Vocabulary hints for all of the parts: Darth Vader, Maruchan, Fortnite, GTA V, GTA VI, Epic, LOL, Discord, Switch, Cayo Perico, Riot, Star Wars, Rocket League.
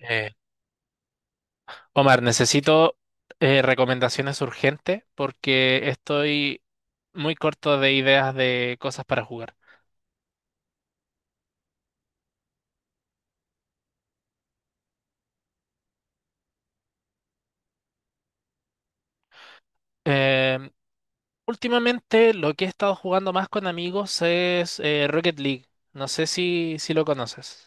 Eh, Omar, necesito recomendaciones urgentes porque estoy muy corto de ideas de cosas para jugar. Em, Últimamente lo que he estado jugando más con amigos es Rocket League. No sé si lo conoces.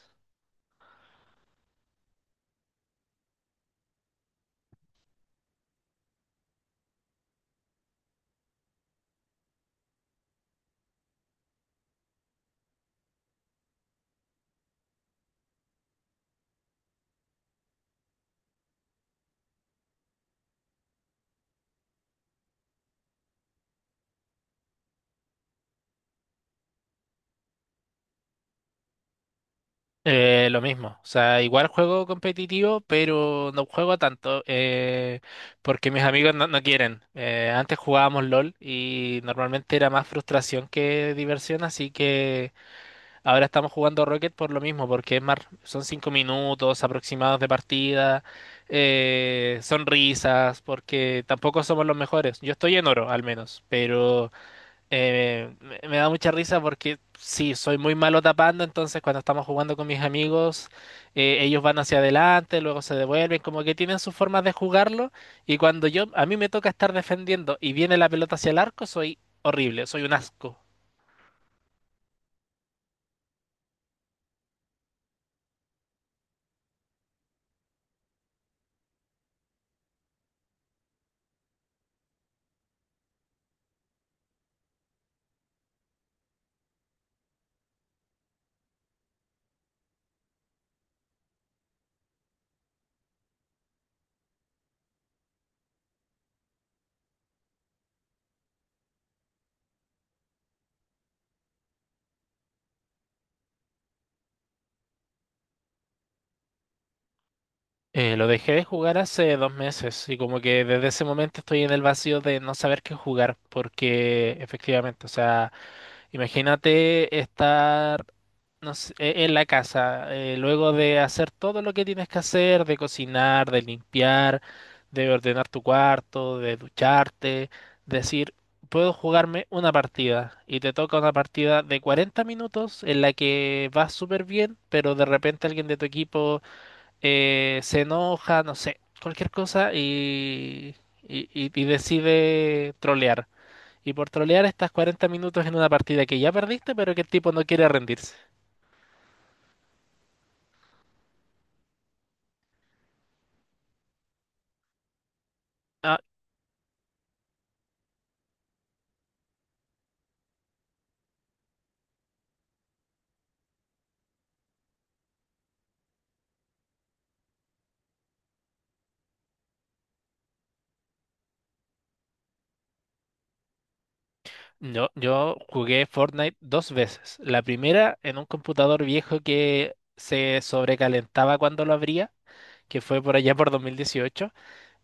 Lo mismo, o sea, igual juego competitivo, pero no juego tanto porque mis amigos no quieren. Antes jugábamos LOL y normalmente era más frustración que diversión, así que... Ahora estamos jugando Rocket por lo mismo, porque es más, son cinco minutos aproximados de partida, son risas, porque tampoco somos los mejores. Yo estoy en oro, al menos, pero me da mucha risa porque sí, soy muy malo tapando, entonces cuando estamos jugando con mis amigos, ellos van hacia adelante, luego se devuelven, como que tienen sus formas de jugarlo, y cuando yo, a mí me toca estar defendiendo y viene la pelota hacia el arco, soy horrible, soy un asco. Lo dejé de jugar hace dos meses y como que desde ese momento estoy en el vacío de no saber qué jugar porque efectivamente, o sea, imagínate estar no sé, en la casa luego de hacer todo lo que tienes que hacer, de cocinar, de limpiar, de ordenar tu cuarto, de ducharte, decir, puedo jugarme una partida y te toca una partida de 40 minutos en la que vas súper bien, pero de repente alguien de tu equipo se enoja, no sé, cualquier cosa y decide trolear. Y por trolear estás 40 minutos en una partida que ya perdiste, pero que el tipo no quiere rendirse. Ah, yo jugué Fortnite dos veces. La primera en un computador viejo que se sobrecalentaba cuando lo abría, que fue por allá por 2018.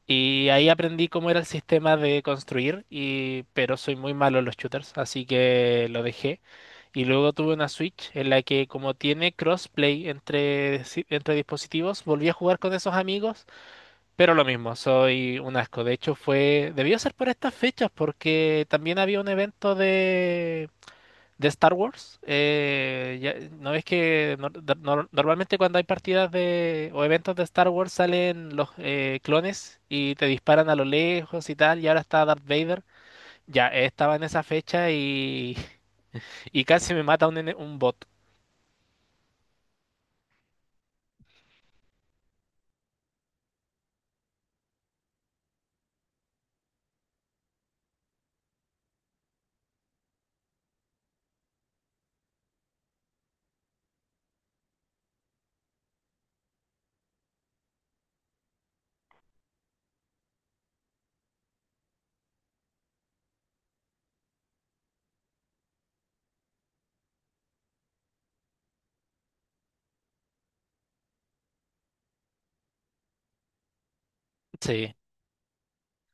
Y ahí aprendí cómo era el sistema de construir, y, pero soy muy malo en los shooters, así que lo dejé. Y luego tuve una Switch en la que como tiene crossplay entre, si- entre dispositivos, volví a jugar con esos amigos, pero lo mismo, soy un asco. De hecho, fue, debió ser por estas fechas porque también había un evento de Star Wars, no es que normalmente cuando hay partidas de, o eventos de Star Wars salen los clones y te disparan a lo lejos y tal, y ahora está Darth Vader. Ya Estaba en esa fecha y, y casi me mata un bot. Sí,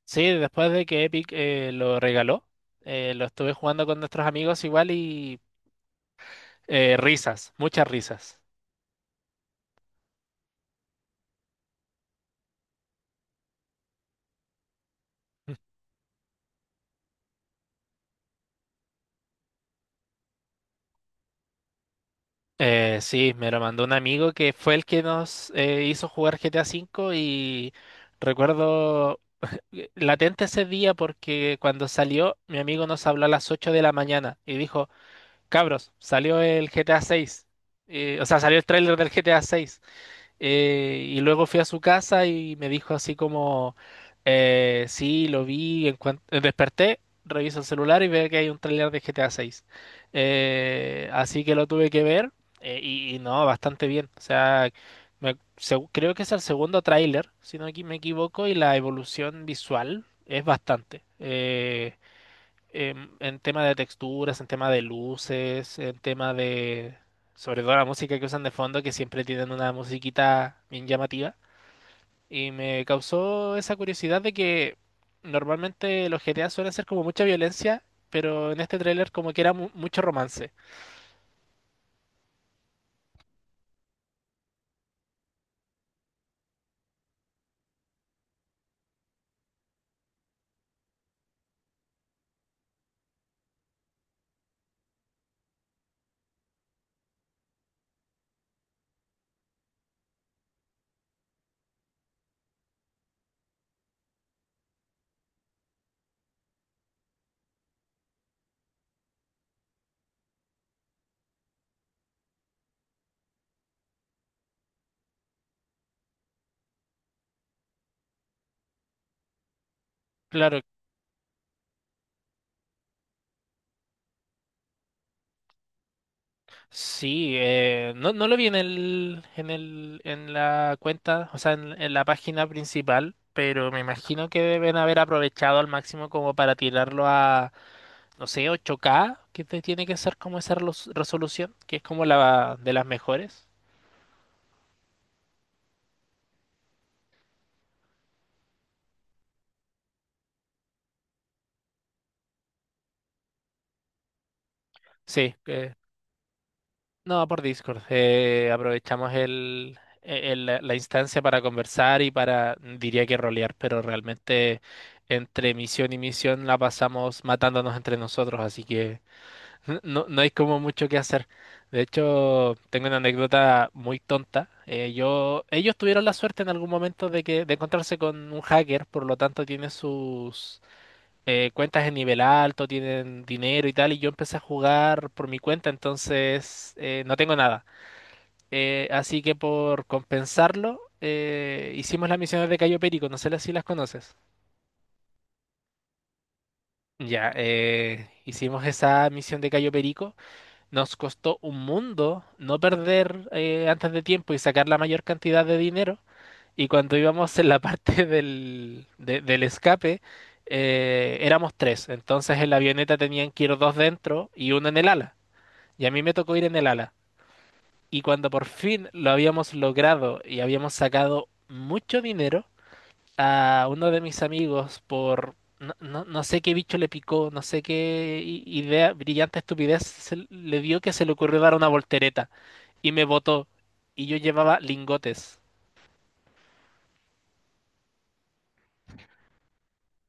sí, después de que Epic lo regaló, lo estuve jugando con nuestros amigos igual y risas, muchas risas. Sí, me lo mandó un amigo que fue el que nos hizo jugar GTA V y recuerdo latente ese día porque cuando salió mi amigo nos habló a las 8 de la mañana y dijo, cabros, salió el GTA VI. O sea, salió el tráiler del GTA VI, y luego fui a su casa y me dijo así como, sí, lo vi, desperté, reviso el celular y veo que hay un tráiler de GTA 6, así que lo tuve que ver y no, bastante bien. O sea, creo que es el segundo tráiler, si no me equivoco, y la evolución visual es bastante. En tema de texturas, en tema de luces, en tema de, sobre todo la música que usan de fondo, que siempre tienen una musiquita bien llamativa. Y me causó esa curiosidad de que normalmente los GTA suelen ser como mucha violencia, pero en este tráiler como que era mucho romance. Claro, sí, no lo vi en en la cuenta, o sea, en la página principal, pero me imagino que deben haber aprovechado al máximo como para tirarlo a no sé, 8K, que te tiene que ser como esa resolución, que es como la de las mejores. Sí, que- no, por Discord. Aprovechamos el, e-, el- la la instancia para conversar y para, diría que rolear, pero realmente entre misión y misión la pasamos matándonos entre nosotros, así que no, no hay como mucho que hacer. De hecho, tengo una anécdota muy tonta. Ellos tuvieron la suerte en algún momento de encontrarse con un hacker, por lo tanto tiene sus cuentas en nivel alto, tienen dinero y tal, y yo empecé a jugar por mi cuenta, entonces no tengo nada. Así que por compensarlo, hicimos las misiones de Cayo Perico, no sé si las conoces. Ya, hicimos esa misión de Cayo Perico, nos costó un mundo no perder antes de tiempo y sacar la mayor cantidad de dinero. Y cuando íbamos en la parte del escape, éramos tres. Entonces en la avioneta tenían que ir dos dentro y uno en el ala. Y a mí me tocó ir en el ala. Y cuando por fin lo habíamos logrado y habíamos sacado mucho dinero, a uno de mis amigos por... No sé qué bicho le picó, no sé qué idea, brillante estupidez se le dio que se le ocurrió dar una voltereta y me botó. Y yo llevaba lingotes.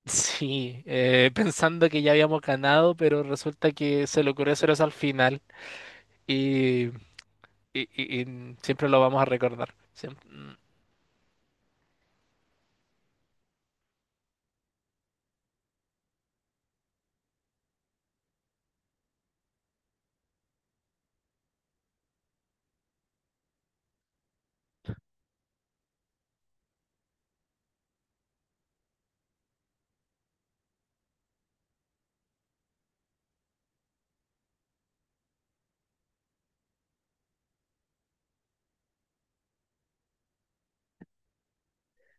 Sí, pensando que ya habíamos ganado, pero resulta que se le ocurrió hacer eso al final y, y siempre lo vamos a recordar. Siem- mm,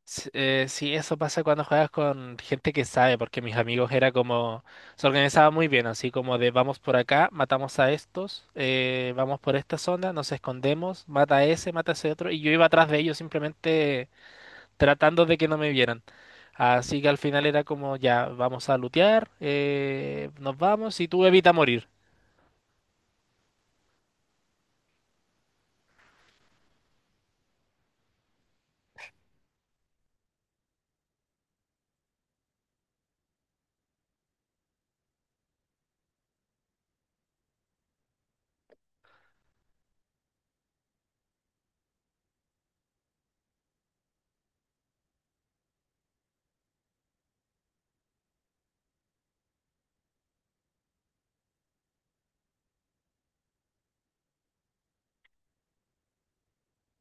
s- eh, Sí, eso pasa cuando juegas con gente que sabe, porque mis amigos era como, se organizaba muy bien, así como de vamos por acá, matamos a estos, vamos por esta zona, nos escondemos, mata a ese otro, y yo iba atrás de ellos simplemente tratando de que no me vieran. Así que al final era como, ya, vamos a lootear, nos vamos y tú evita morir.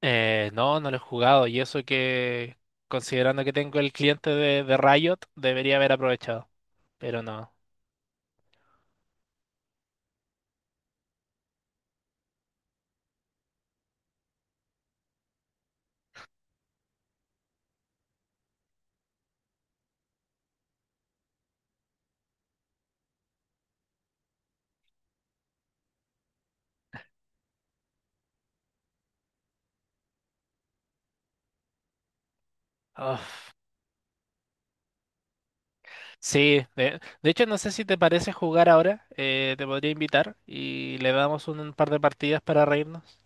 No, no lo he jugado y eso que, considerando que tengo el cliente de Riot, debería haber aprovechado, pero no. Uf. Sí, de hecho no sé si te parece jugar ahora, te podría invitar y le damos un par de partidas para reírnos.